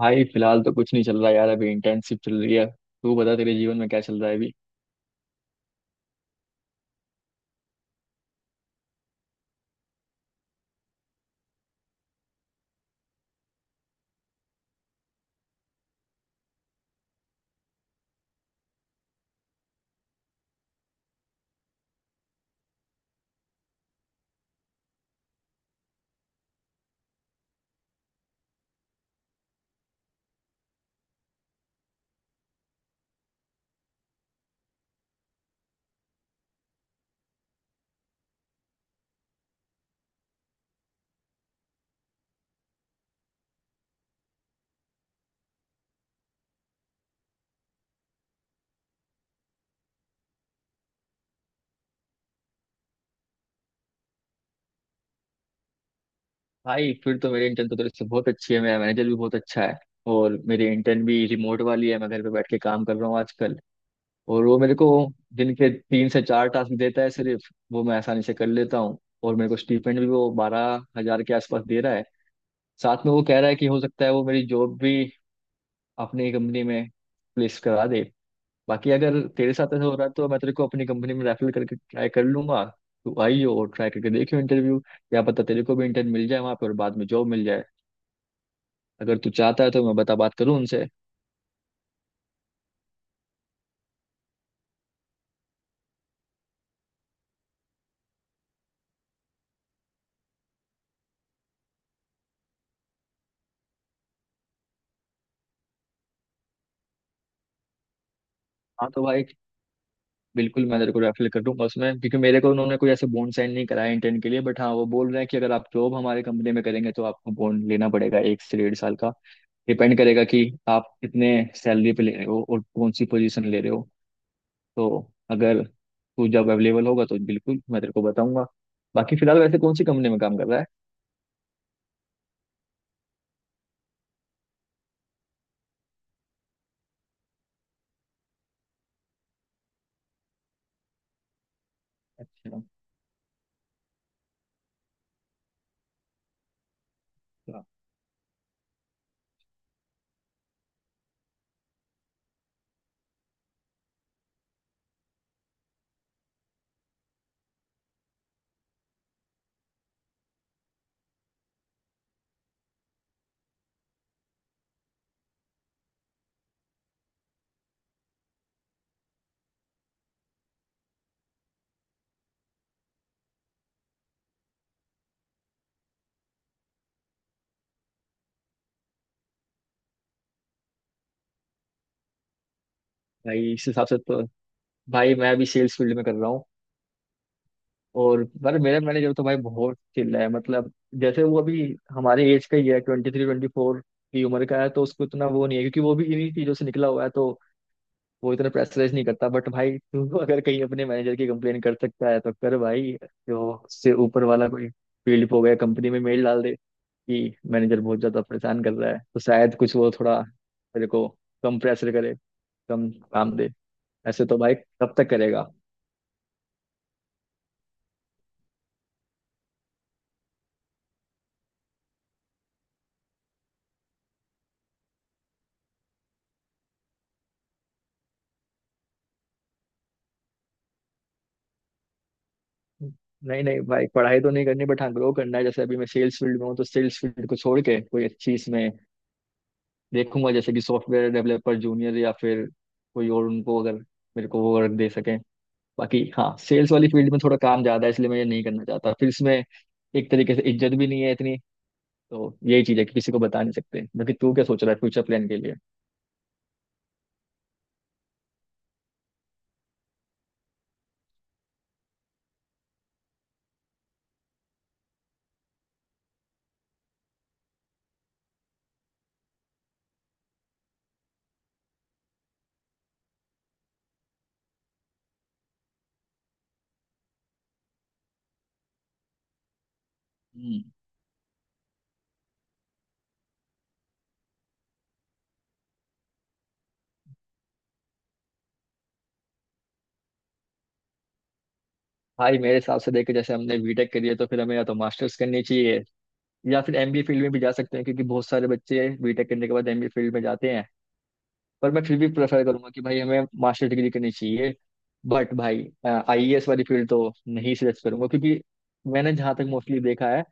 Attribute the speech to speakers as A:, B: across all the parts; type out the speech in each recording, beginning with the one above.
A: भाई फिलहाल तो कुछ नहीं चल रहा यार, अभी इंटर्नशिप चल रही है। तू बता तेरे जीवन में क्या चल रहा है अभी? भाई फिर तो मेरे इंटर्न तो तेरे से बहुत अच्छी है, मेरा मैनेजर भी बहुत अच्छा है। और मेरी इंटर्न भी रिमोट वाली है, मैं घर पे बैठ के काम कर रहा हूँ आजकल। और वो मेरे को दिन के 3 से 4 टास्क देता है सिर्फ, वो मैं आसानी से कर लेता हूँ। और मेरे को स्टीपेंड भी वो 12,000 के आसपास दे रहा है। साथ में वो कह रहा है कि हो सकता है वो मेरी जॉब भी अपनी कंपनी में प्लेस करा दे। बाकी अगर तेरे साथ ऐसा हो रहा है तो मैं तेरे को अपनी कंपनी में रेफर करके ट्राई कर लूंगा। तू आइयो और ट्राई करके देखियो इंटरव्यू, क्या पता तेरे को भी इंटर्न मिल जाए वहां पर और बाद में जॉब मिल जाए। अगर तू चाहता है तो मैं बता बात करूँ उनसे। हाँ तो भाई बिल्कुल मैं तेरे को रेफर कर दूंगा उसमें, क्योंकि मेरे को उन्होंने कोई ऐसे बॉन्ड साइन नहीं कराया इंटर्न के लिए। बट हाँ वो बोल रहे हैं कि अगर आप जॉब हमारे कंपनी में करेंगे तो आपको बॉन्ड लेना पड़ेगा 1 से 1.5 साल का। डिपेंड करेगा कि आप कितने सैलरी पे ले रहे हो और कौन सी पोजीशन ले रहे हो। तो अगर तू जब अवेलेबल होगा तो बिल्कुल मैं तेरे को बताऊंगा। बाकी फिलहाल वैसे कौन सी कंपनी में काम कर रहा है? अच्छा, अच्छा। भाई इस हिसाब से तो भाई मैं अभी सेल्स फील्ड में कर रहा हूँ। और पर मेरा मैनेजर तो भाई बहुत चिल है, मतलब जैसे वो अभी हमारे एज का ही है, 23 24 की उम्र का है। तो उसको इतना वो नहीं है क्योंकि वो भी इन्हीं चीजों से निकला हुआ है, तो वो इतना प्रेशराइज नहीं करता। बट भाई तू अगर कहीं अपने मैनेजर की कंप्लेन कर सकता है तो कर भाई। जो उससे ऊपर वाला कोई फील्ड पे हो गया कंपनी में, मेल डाल दे कि मैनेजर बहुत ज्यादा परेशान कर रहा है, तो शायद कुछ वो थोड़ा तेरे को कम प्रेशर करे, कम काम दे। ऐसे तो भाई कब तक करेगा? नहीं नहीं भाई पढ़ाई तो नहीं करनी, बट हाँ ग्रो करना है। जैसे अभी मैं सेल्स फील्ड में हूँ, तो सेल्स फील्ड को छोड़ के कोई अच्छी इसमें देखूंगा, जैसे कि सॉफ्टवेयर डेवलपर जूनियर या फिर कोई और, उनको अगर मेरे को वो वर्क दे सके। बाकी हाँ सेल्स वाली फील्ड में थोड़ा काम ज्यादा है इसलिए मैं ये नहीं करना चाहता फिर इसमें। एक तरीके से इज्जत भी नहीं है इतनी, तो यही चीज है कि किसी को बता नहीं सकते। बाकी तू क्या सोच रहा है फ्यूचर प्लान के लिए? हम्म, भाई मेरे हिसाब से देखे जैसे हमने बीटेक करी है तो फिर हमें या तो मास्टर्स करनी चाहिए, या फिर एमबीए फील्ड में भी जा सकते हैं, क्योंकि बहुत सारे बच्चे बीटेक करने के बाद एमबीए फील्ड में जाते हैं। पर मैं फिर भी प्रेफर करूंगा कि भाई हमें मास्टर डिग्री करनी चाहिए। बट भाई आईएएस वाली फील्ड तो नहीं सिलेक्ट करूंगा, क्योंकि मैंने जहां तक मोस्टली देखा है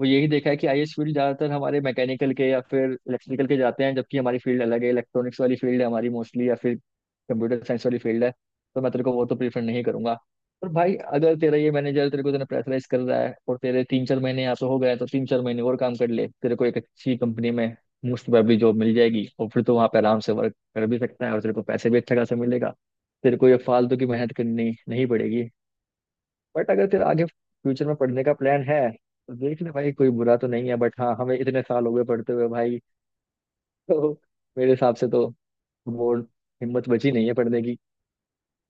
A: वो यही देखा है कि आईएएस फील्ड ज्यादातर हमारे मैकेनिकल के या फिर इलेक्ट्रिकल के जाते हैं, जबकि हमारी फील्ड अलग है, इलेक्ट्रॉनिक्स वाली फील्ड है हमारी मोस्टली, या फिर कंप्यूटर साइंस वाली फील्ड है। तो मैं तेरे को वो तो प्रीफर नहीं करूंगा। पर भाई अगर तेरा ये मैनेजर तेरे को इतना प्रेशराइज कर रहा है और तेरे 3 4 महीने यहाँ पे हो गए हैं, तो 3 4 महीने और काम कर ले, तेरे को एक अच्छी कंपनी में मोस्ट प्रोबेबली जॉब मिल जाएगी, और फिर तो वहाँ पे आराम से वर्क कर भी सकता है और तेरे को पैसे भी अच्छा खासा मिलेगा। तेरे को ये फालतू की मेहनत करनी नहीं पड़ेगी। बट अगर तेरा आगे फ्यूचर में पढ़ने का प्लान है तो देख ले भाई, कोई बुरा तो नहीं है, बट हाँ हमें इतने साल हो गए पढ़ते हुए भाई, तो मेरे हिसाब से तो वो हिम्मत बची नहीं है पढ़ने की।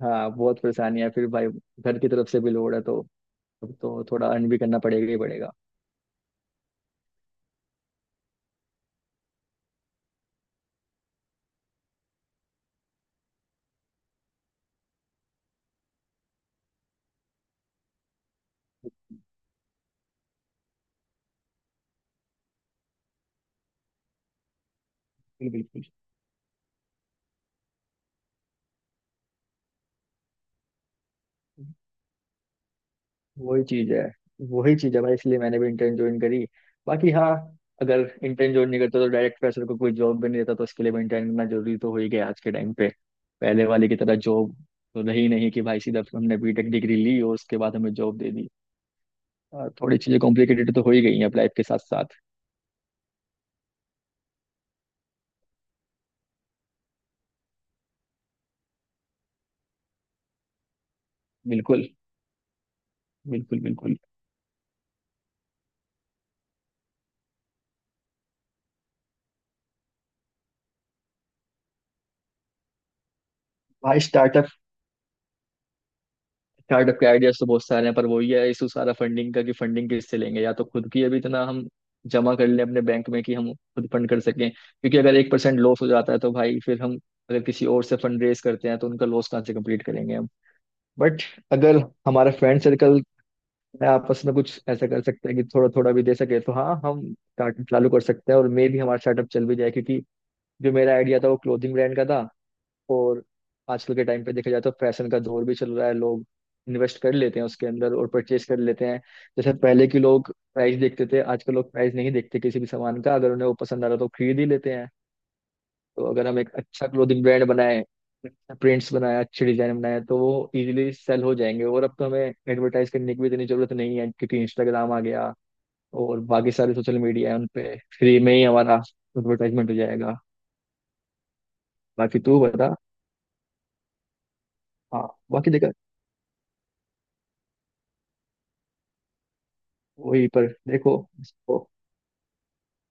A: हाँ बहुत परेशानी है फिर भाई, घर की तरफ से भी लोड है, तो अब तो थोड़ा अर्न भी करना पड़ेगा ही पड़ेगा। बिल्कुल, बिल्कुल। वही चीज है, वही चीज है भाई, इसलिए मैंने भी इंटर्न ज्वाइन करी। बाकी हाँ अगर इंटर्न ज्वाइन नहीं करता तो डायरेक्ट प्रेशर को कोई जॉब भी नहीं देता, तो उसके लिए भी इंटर्न करना जरूरी तो हो ही गया आज के टाइम पे। पहले वाले की तरह जॉब तो रही नहीं कि भाई सीधा हमने बीटेक डिग्री ली और उसके बाद हमें जॉब दे दी, और थोड़ी चीजें कॉम्प्लिकेटेड तो हो ही गई हैं अब लाइफ के साथ साथ। बिल्कुल, बिल्कुल, बिल्कुल। भाई स्टार्टअप स्टार्टअप के आइडियाज तो बहुत सारे हैं, पर वही है इशू सारा फंडिंग का कि फंडिंग किससे लेंगे, या तो खुद की अभी इतना हम जमा कर लें अपने बैंक में कि हम खुद फंड कर सकें, क्योंकि अगर 1% लॉस हो जाता है तो भाई फिर हम, अगर किसी और से फंड रेज करते हैं तो उनका लॉस कहाँ से कंप्लीट करेंगे हम। बट अगर हमारा फ्रेंड सर्कल में आपस में कुछ ऐसा कर सकते हैं कि थोड़ा थोड़ा भी दे सके, तो हाँ हम स्टार्टअप चालू कर सकते हैं और मे भी हमारा स्टार्टअप चल भी जाए, क्योंकि जो मेरा आइडिया था वो क्लोथिंग ब्रांड का था। और आजकल के टाइम पे देखा जाए तो फैशन का दौर भी चल रहा है, लोग इन्वेस्ट कर लेते हैं उसके अंदर और परचेज कर लेते हैं। जैसे पहले के लोग प्राइस देखते थे, आजकल लोग प्राइस नहीं देखते किसी भी सामान का, अगर उन्हें वो पसंद आ रहा तो खरीद ही लेते हैं। तो अगर हम एक अच्छा क्लोथिंग ब्रांड बनाए, प्रिंट्स बनाए, अच्छे डिजाइन बनाए, तो वो इजीली सेल हो जाएंगे। और अब तो हमें एडवर्टाइज करने की भी इतनी जरूरत नहीं है क्योंकि इंस्टाग्राम आ गया और बाकी सारे सोशल मीडिया है, उन पे फ्री में ही हमारा एडवर्टाइजमेंट हो जाएगा। बाकी तू बता। हाँ बाकी देखा, वही पर देखो इसको।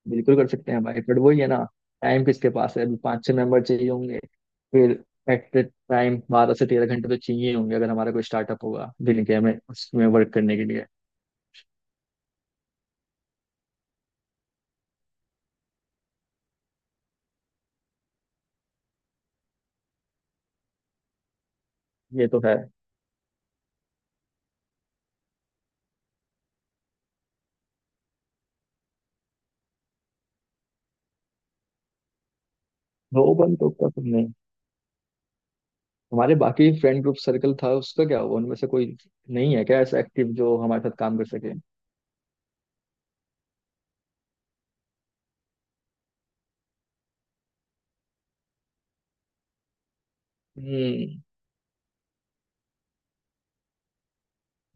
A: बिल्कुल कर सकते हैं भाई, पर वही है ना, टाइम किसके पास है? अभी 5 6 मेंबर चाहिए होंगे, फिर एट द टाइम 12 से 13 घंटे तो चाहिए होंगे अगर हमारा कोई स्टार्टअप होगा दिन के, हमें उसमें वर्क करने के लिए। ये तो है। दो बंद तो क्या तुम नहीं, हमारे बाकी फ्रेंड ग्रुप सर्कल था उसका क्या हुआ, उनमें से कोई नहीं है क्या ऐसा एक्टिव जो हमारे साथ काम कर सके? हम्म।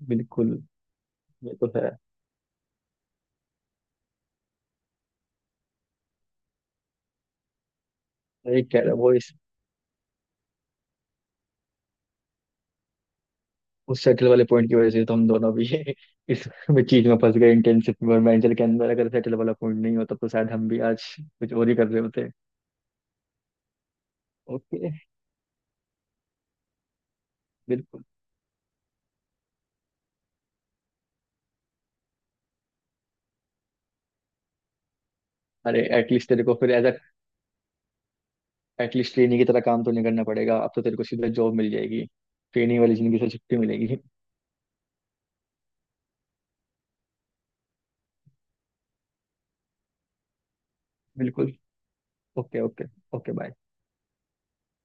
A: बिल्कुल। ये तो है। सही कह रहे हो वो। उस सेटल वाले पॉइंट की वजह से तो हम दोनों भी इस चीज में फंस गए इंटर्नशिप में और वेंचर के अंदर। अगर सेटल वाला पॉइंट नहीं होता तो शायद हम भी आज कुछ और ही कर रहे होते। ओके। बिल्कुल। अरे एटलीस्ट तेरे को फिर एज अ एटलीस्ट ट्रेनी की तरह काम तो नहीं करना पड़ेगा, अब तो तेरे को सीधा जॉब मिल जाएगी, ट्रेनिंग वाली जिंदगी से छुट्टी मिलेगी। बिल्कुल। Okay, okay. Okay, bye.